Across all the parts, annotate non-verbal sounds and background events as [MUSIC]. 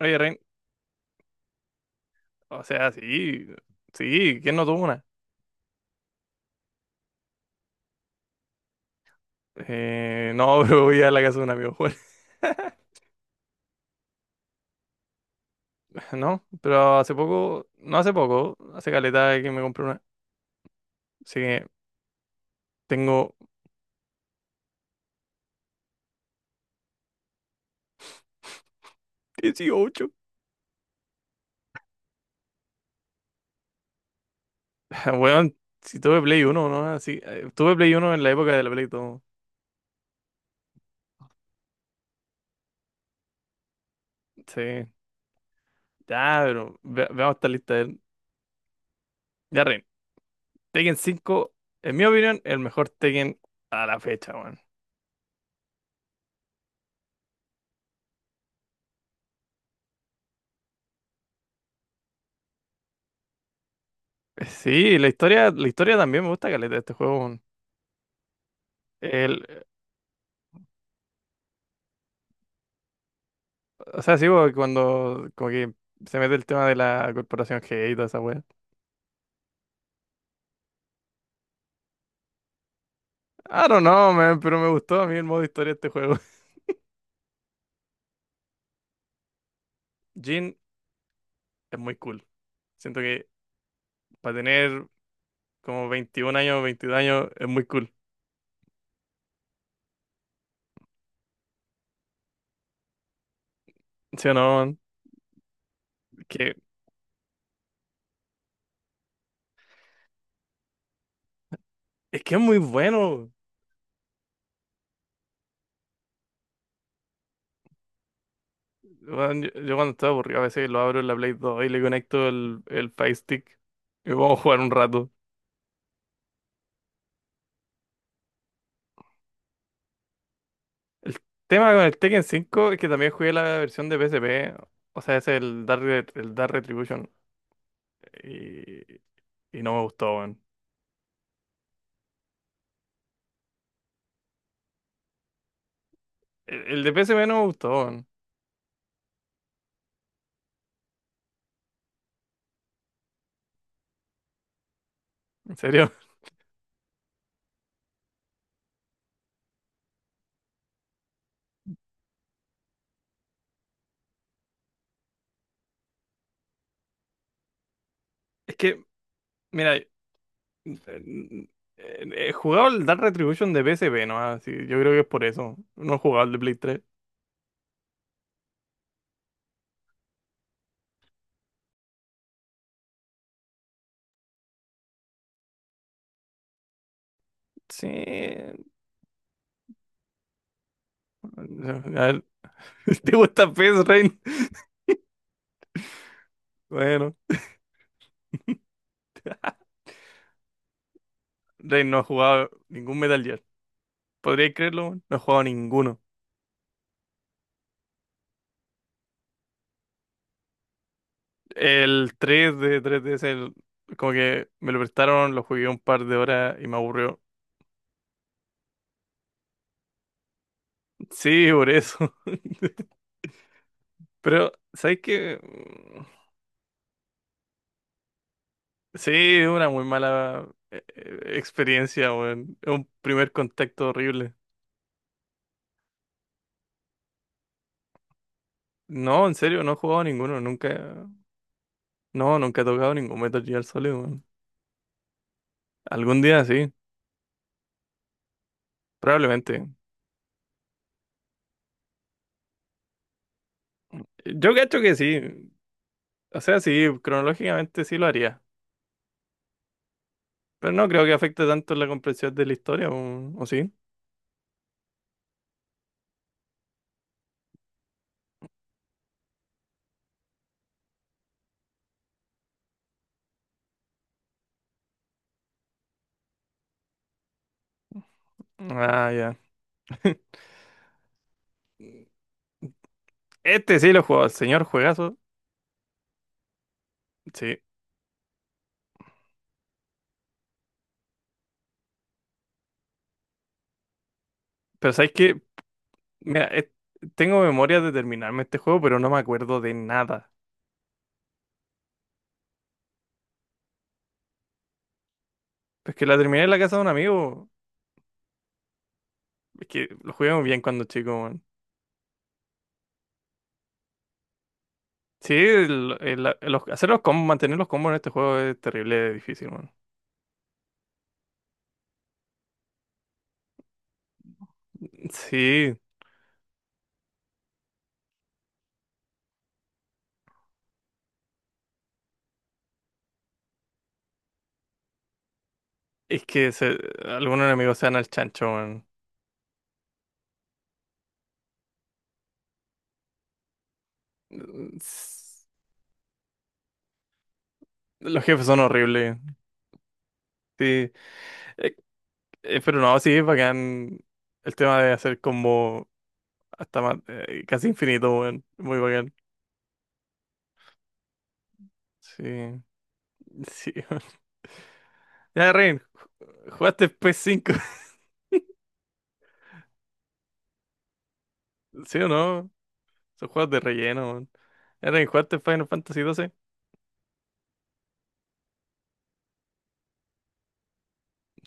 Oye, Ren, o sea, sí, sí, ¿quién no tuvo una? No, [LAUGHS] pero voy a la casa de un amigo, bueno. [LAUGHS] No, pero hace poco, no hace poco, hace caleta que me compré una. Así que tengo 18. [LAUGHS] Weón, si tuve Play 1, ¿no? Así, tuve Play 1 en la época de la Play 2. Sí, ya, pero veamos esta lista. Él. Ya, Ren, Tekken 5, en mi opinión, el mejor Tekken a la fecha, weón. Sí, la historia también me gusta caleta de este juego, weón. O sea, sí, porque cuando como que se mete el tema de la corporación G y toda esa wea. I don't know, man, pero me gustó a mí el modo historia de este juego. [LAUGHS] Jin es muy cool. Siento que para tener como 21 años, 22 años, es muy cool. ¿Sí o no, man? Que, es que es muy bueno. Weón, yo cuando estoy aburrido a veces lo abro en la Play 2 y le conecto el Fire Stick y vamos a jugar un rato. El tema con el Tekken 5 es que también jugué la versión de PSP. O sea, es el Dark Retribution. Y no me gustó, weón. El de PSP no me gustó, weón. En serio. [LAUGHS] Es que, mira, eh, he jugado el Dark Retribution de P PSP, ¿no? Así, yo creo que es por eso. No he jugado el de Play 3. Sí. A ver, [LAUGHS] ¿te gusta P PES, Rain? Bueno, Rain no ha jugado ningún Metal Gear. ¿Podríais creerlo, weón? No he jugado ninguno. El 3 de 3DS, como que me lo prestaron, lo jugué un par de horas y me aburrió. Sí, por eso. [LAUGHS] Pero, ¿sabes qué? Sí, una muy mala experiencia, weón. Es un primer contacto horrible. No, en serio, no he jugado ninguno, nunca. No, nunca he tocado ningún Metal Gear Solid, weón. Algún día sí, probablemente. Yo cacho que sí. O sea, sí, cronológicamente sí lo haría. Pero no creo que afecte tanto la comprensión de la historia, ¿o sí? Ah, ya. [LAUGHS] Este sí lo he jugado, el señor juegazo. Sí. Pero ¿sabes qué? Mira, tengo memoria de terminarme este juego, pero no me acuerdo de nada. Pues que la terminé en la casa de un amigo. Es que lo jugué muy bien cuando chico, man. Sí, hacer los combos, mantener los combos en este juego es terrible difícil, man. Sí, es que algunos enemigos se dan al chancho, man. S- Los jefes son horribles. Sí, Eh, pero no, sí, es bacán. El tema de hacer combo hasta más, casi infinito, man. Muy bacán. Sí, sí. [LAUGHS] Ya, Rain, ¿jugaste P S cinco? [LAUGHS] ¿Sí o no? Son juegos de relleno. ¿Era que jugaste Final Fantasy XII?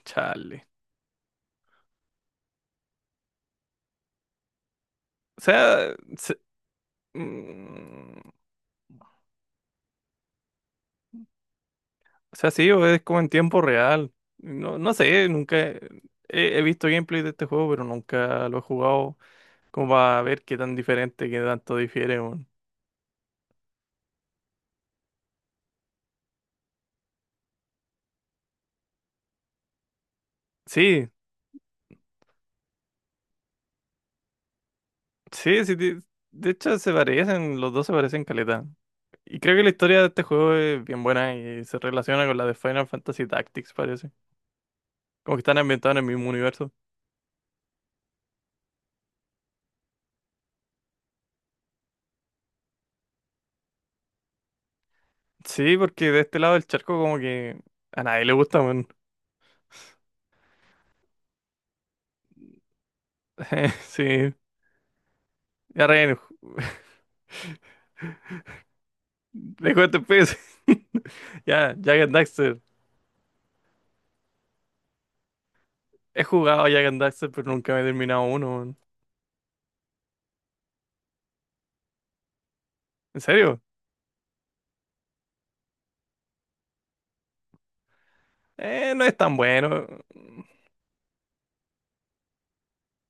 Chale. O sea, mm, o sea, sí, o es como en tiempo real. No, no sé, nunca he visto gameplay de este juego, pero nunca lo he jugado como para ver qué tan diferente, qué tanto difiere, weón. Sí, sí, sí. De hecho, se parecen, los dos se parecen caleta. Y creo que la historia de este juego es bien buena y se relaciona con la de Final Fantasy Tactics, parece. Como que están ambientados en el mismo universo. Sí, porque de este lado del charco como que... A nadie le gusta. [LAUGHS] Sí, ya, Ryan, [LAUGHS] dejo este pez. [LAUGHS] Ya, Jack and Daxter. He jugado a Jack and Daxter, pero nunca me he terminado uno, weón. ¿En serio? No es tan bueno.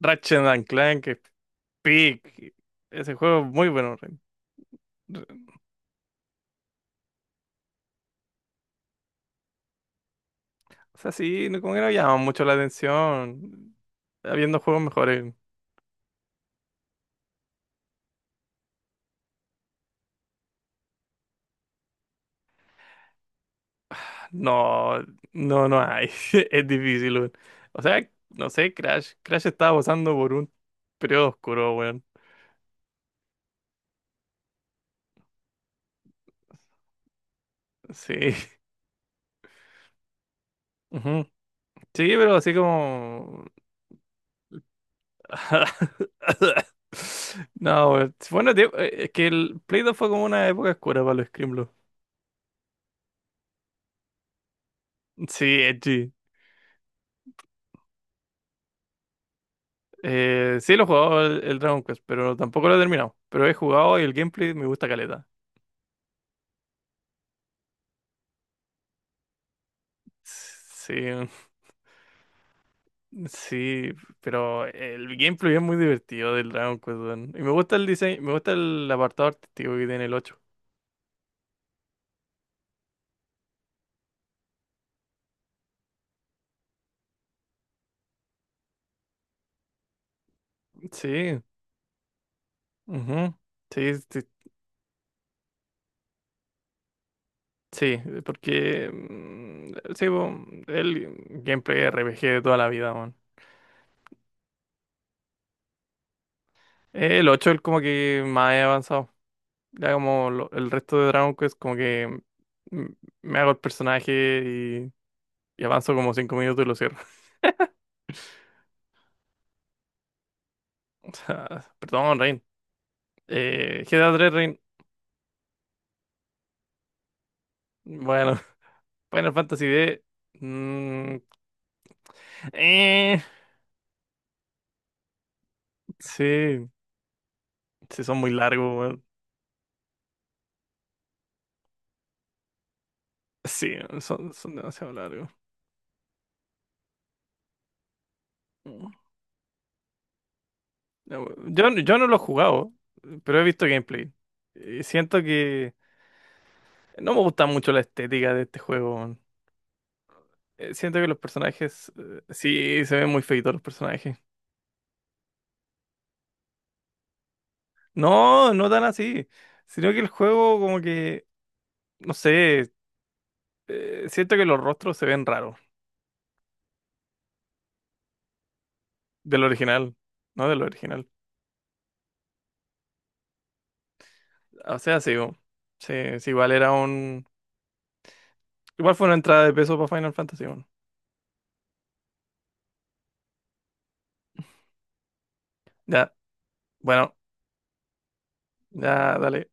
Ratchet and Clank, peak. Ese juego es muy bueno, Ryan. O sea, sí, como que no llama mucho la atención. Habiendo juegos mejores. No, no, no hay. [LAUGHS] Es difícil, weón. O sea, no sé, Crash. Crash estaba pasando por un periodo oscuro, weón. Sí. [LAUGHS] Sí, pero así como... [LAUGHS] No, weón, bueno, tío, es que el Play 2 fue como una época oscura para los Scrimlo. Sí, edgy. Sí, lo he jugado el Dragon Quest, pero tampoco lo he terminado. Pero he jugado y el gameplay me gusta caleta. Sí, sí, pero el gameplay es muy divertido del Dragon Quest, weón. Y me gusta el diseño, me gusta el apartado artístico que tiene el 8. Sí, ujú. Sí, sí, sí, porque sí, po, el gameplay RPG de toda la vida, man. El 8 es como que más he avanzado. Ya como el resto de Dragon Quest, como que mm, me hago el personaje y, y avanzo como 5 minutos y lo cierro. [LAUGHS] O sea, perdón, Rain. GTA 3, Rain. Bueno, [LAUGHS] Final Fantasy D. mm, eh, sí, sí, son muy largos, weón. Sí, son demasiado largos. No, yo no lo he jugado, pero he visto gameplay. Y siento que no me gusta mucho la estética de este juego, weón. Siento que los personajes, sí, se ven muy feitos los personajes. No, no tan así, sino que el juego como que, no sé, siento que los rostros se ven raros del original, no del original. O sea, sí, weón, sí, sí, igual era un... Igual fue una entrada de peso para Final Fantasy, weón. Ya, bueno, ya, dale.